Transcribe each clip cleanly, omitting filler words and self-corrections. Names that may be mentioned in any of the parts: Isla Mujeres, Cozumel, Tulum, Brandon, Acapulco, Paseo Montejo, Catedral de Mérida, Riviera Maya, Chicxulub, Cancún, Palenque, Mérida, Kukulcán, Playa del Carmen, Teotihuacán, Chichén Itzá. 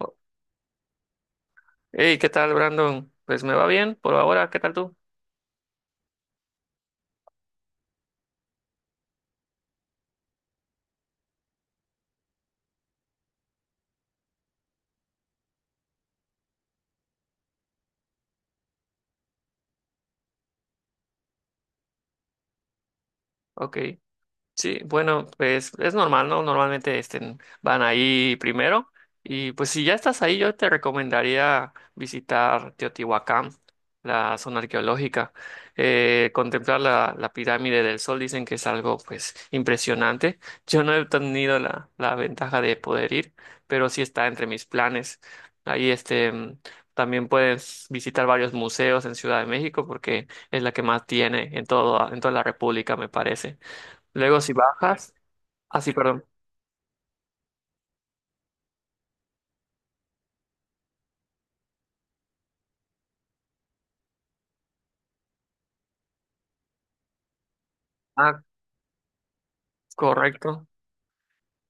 Oh, hey, ¿qué tal, Brandon? Pues me va bien por ahora, ¿qué tal tú? Ok. Sí, bueno, pues es normal, ¿no? Normalmente este, van ahí primero. Y pues si ya estás ahí, yo te recomendaría visitar Teotihuacán, la zona arqueológica. Contemplar la pirámide del Sol, dicen que es algo pues impresionante. Yo no he tenido la ventaja de poder ir, pero sí está entre mis planes. Ahí este, también puedes visitar varios museos en Ciudad de México porque es la que más tiene en todo, en toda la República, me parece. Luego si bajas, así, perdón. Ah, correcto.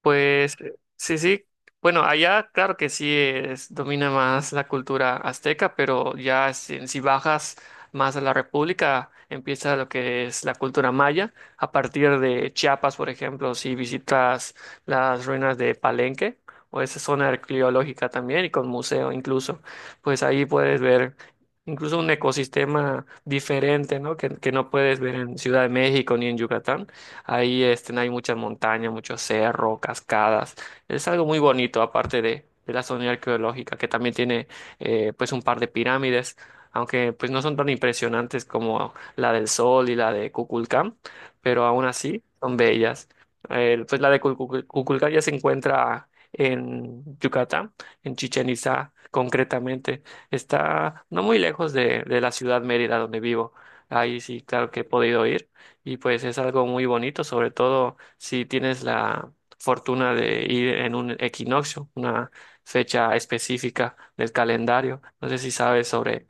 Pues sí, sí. Bueno, allá claro que sí es, domina más la cultura azteca, pero ya si bajas más a la República, empieza lo que es la cultura maya. A partir de Chiapas, por ejemplo, si visitas las ruinas de Palenque o esa zona arqueológica también y con museo incluso, pues ahí puedes ver incluso un ecosistema diferente, ¿no? Que no puedes ver en Ciudad de México ni en Yucatán. Ahí este, no hay muchas montañas, muchos cerros, cascadas. Es algo muy bonito, aparte de la zona arqueológica, que también tiene pues un par de pirámides, aunque pues no son tan impresionantes como la del Sol y la de Kukulcán, pero aún así son bellas. Pues la de Kukulcán ya se encuentra en Yucatán, en Chichén Itzá concretamente. Está no muy lejos de la ciudad Mérida donde vivo. Ahí sí, claro que he podido ir y pues es algo muy bonito, sobre todo si tienes la fortuna de ir en un equinoccio, una fecha específica del calendario. No sé si sabes sobre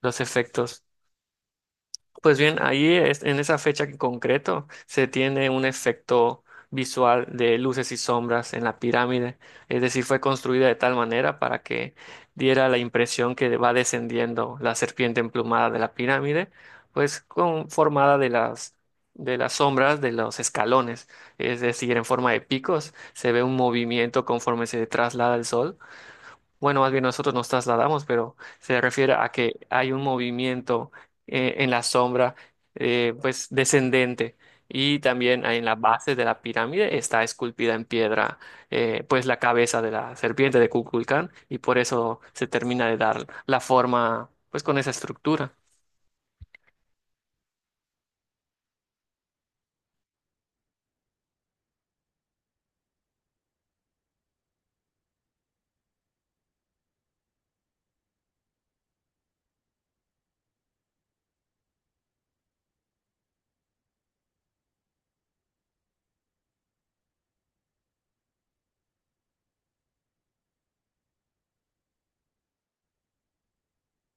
los efectos. Pues bien, en esa fecha en concreto se tiene un efecto visual de luces y sombras en la pirámide, es decir, fue construida de tal manera para que diera la impresión que va descendiendo la serpiente emplumada de la pirámide, pues con, formada de las sombras de los escalones, es decir, en forma de picos, se ve un movimiento conforme se traslada el sol. Bueno, más bien nosotros nos trasladamos, pero se refiere a que hay un movimiento en la sombra, pues descendente, y también ahí en la base de la pirámide está esculpida en piedra, pues la cabeza de la serpiente de Kukulcán, y por eso se termina de dar la forma, pues con esa estructura.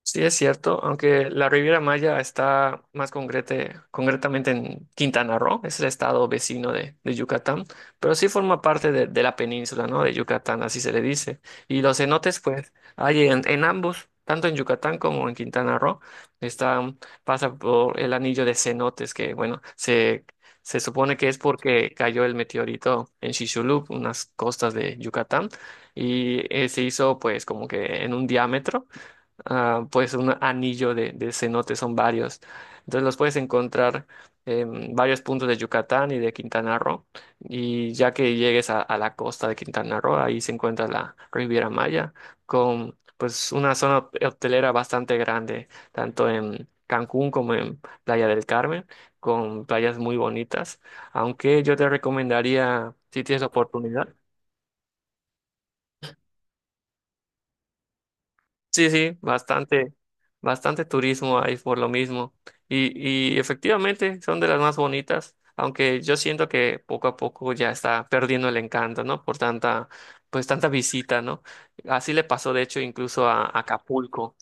Sí, es cierto, aunque la Riviera Maya está más concretamente en Quintana Roo, es el estado vecino de Yucatán, pero sí forma parte de la península, ¿no? De Yucatán, así se le dice. Y los cenotes, pues, hay en ambos, tanto en Yucatán como en Quintana Roo, están, pasa por el anillo de cenotes, que, bueno, se supone que es porque cayó el meteorito en Chicxulub, unas costas de Yucatán, y se hizo, pues, como que en un diámetro ah, pues un anillo de cenote, son varios. Entonces los puedes encontrar en varios puntos de Yucatán y de Quintana Roo. Y ya que llegues a la costa de Quintana Roo, ahí se encuentra la Riviera Maya, con pues una zona hotelera bastante grande, tanto en Cancún como en Playa del Carmen, con playas muy bonitas. Aunque yo te recomendaría, si tienes la oportunidad, sí, sí, bastante, bastante turismo hay por lo mismo. Y efectivamente son de las más bonitas, aunque yo siento que poco a poco ya está perdiendo el encanto, ¿no? Por tanta, pues tanta visita, ¿no? Así le pasó, de hecho, incluso a Acapulco.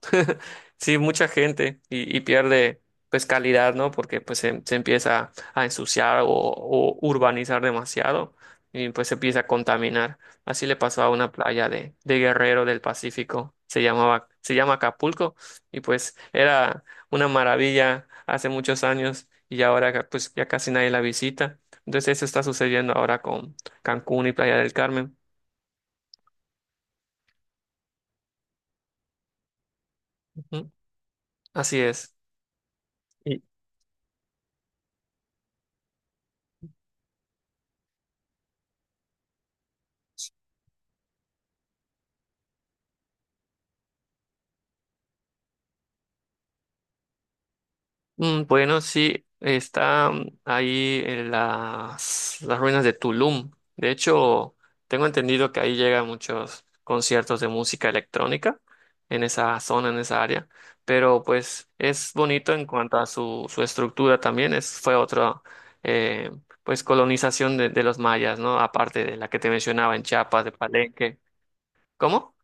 Sí, mucha gente y pierde pues calidad, ¿no? Porque pues se empieza a ensuciar o urbanizar demasiado y pues se empieza a contaminar. Así le pasó a una playa de Guerrero del Pacífico, se llamaba, se llama Acapulco y pues era una maravilla hace muchos años y ahora pues ya casi nadie la visita. Entonces eso está sucediendo ahora con Cancún y Playa del Carmen. Ujú, así es. Bueno, sí, está ahí en las ruinas de Tulum. De hecho, tengo entendido que ahí llegan muchos conciertos de música electrónica en esa zona, en esa área. Pero pues es bonito en cuanto a su, su estructura también. Es, fue otra eh, pues colonización de los mayas, ¿no? Aparte de la que te mencionaba en Chiapas, de Palenque. ¿Cómo?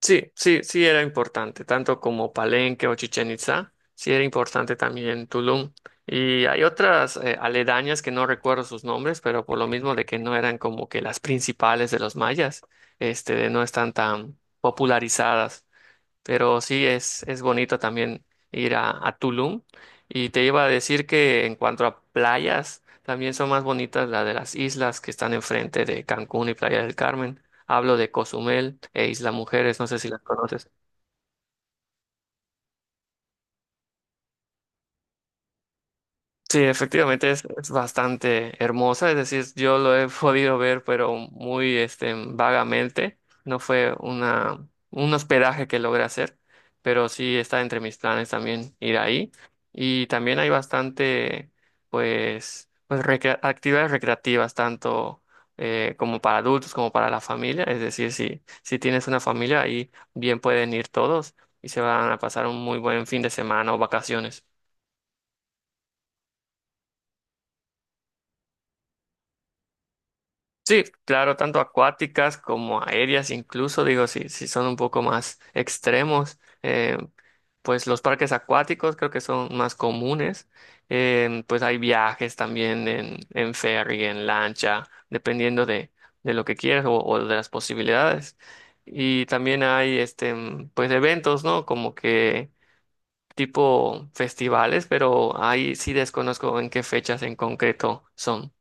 Sí, sí, sí era importante, tanto como Palenque o Chichen Itza. Sí era importante también Tulum. Y hay otras aledañas que no recuerdo sus nombres, pero por lo mismo de que no eran como que las principales de los mayas, este, no están tan popularizadas. Pero sí es bonito también ir a Tulum. Y te iba a decir que en cuanto a playas, también son más bonitas las de las islas que están enfrente de Cancún y Playa del Carmen. Hablo de Cozumel e Isla Mujeres, no sé si las conoces. Sí, efectivamente es bastante hermosa, es decir, yo lo he podido ver, pero muy este, vagamente. No fue una, un hospedaje que logré hacer, pero sí está entre mis planes también ir ahí. Y también hay bastante, pues, actividades recreativas, tanto como para adultos como para la familia. Es decir, si tienes una familia, ahí bien pueden ir todos y se van a pasar un muy buen fin de semana o vacaciones. Sí, claro, tanto acuáticas como aéreas, incluso digo, si son un poco más extremos, pues los parques acuáticos creo que son más comunes, pues hay viajes también en ferry, en lancha, dependiendo de lo que quieras o de las posibilidades. Y también hay este, pues eventos, ¿no? Como que tipo festivales, pero ahí sí desconozco en qué fechas en concreto son.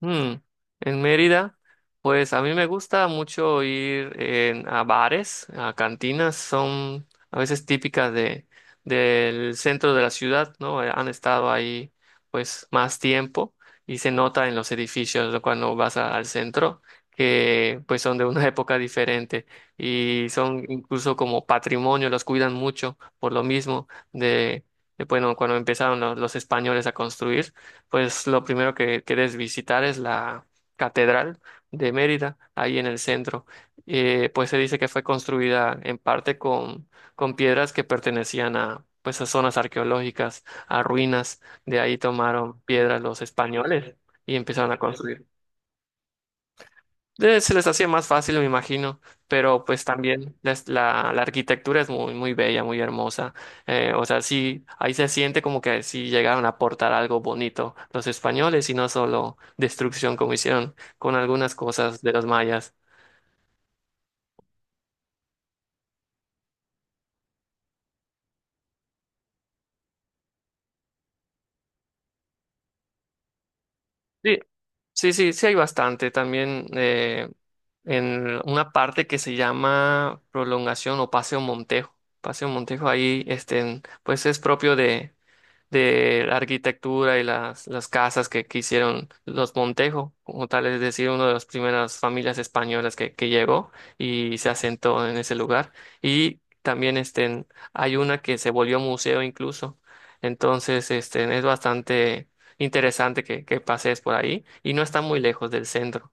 Mm, En Mérida, pues a mí me gusta mucho ir a bares, a cantinas, son a veces típicas de, del centro de la ciudad, ¿no? Han estado ahí pues más tiempo y se nota en los edificios, ¿no? Cuando al centro, que pues son de una época diferente y son incluso como patrimonio, los cuidan mucho por lo mismo de, bueno, cuando empezaron los españoles a construir, pues lo primero que quieres visitar es la Catedral de Mérida, ahí en el centro. Pues se dice que fue construida en parte con piedras que pertenecían a, pues, a zonas arqueológicas, a ruinas. De ahí tomaron piedras los españoles y empezaron a construir. Se les hacía más fácil, me imagino, pero pues también la arquitectura es muy, muy bella, muy hermosa. O sea, sí, ahí se siente como que sí llegaron a aportar algo bonito los españoles y no solo destrucción como hicieron con algunas cosas de los mayas. Sí, sí, sí hay bastante. También en una parte que se llama prolongación o Paseo Montejo. Paseo Montejo ahí, este, pues es propio de la arquitectura y las casas que hicieron los Montejo, como tal, es decir, una de las primeras familias españolas que llegó y se asentó en ese lugar. Y también este, hay una que se volvió museo incluso. Entonces, este, es bastante interesante que pases por ahí y no está muy lejos del centro.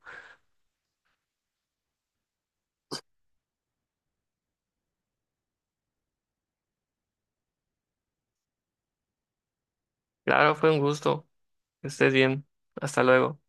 Claro, fue un gusto. Que estés bien. Hasta luego.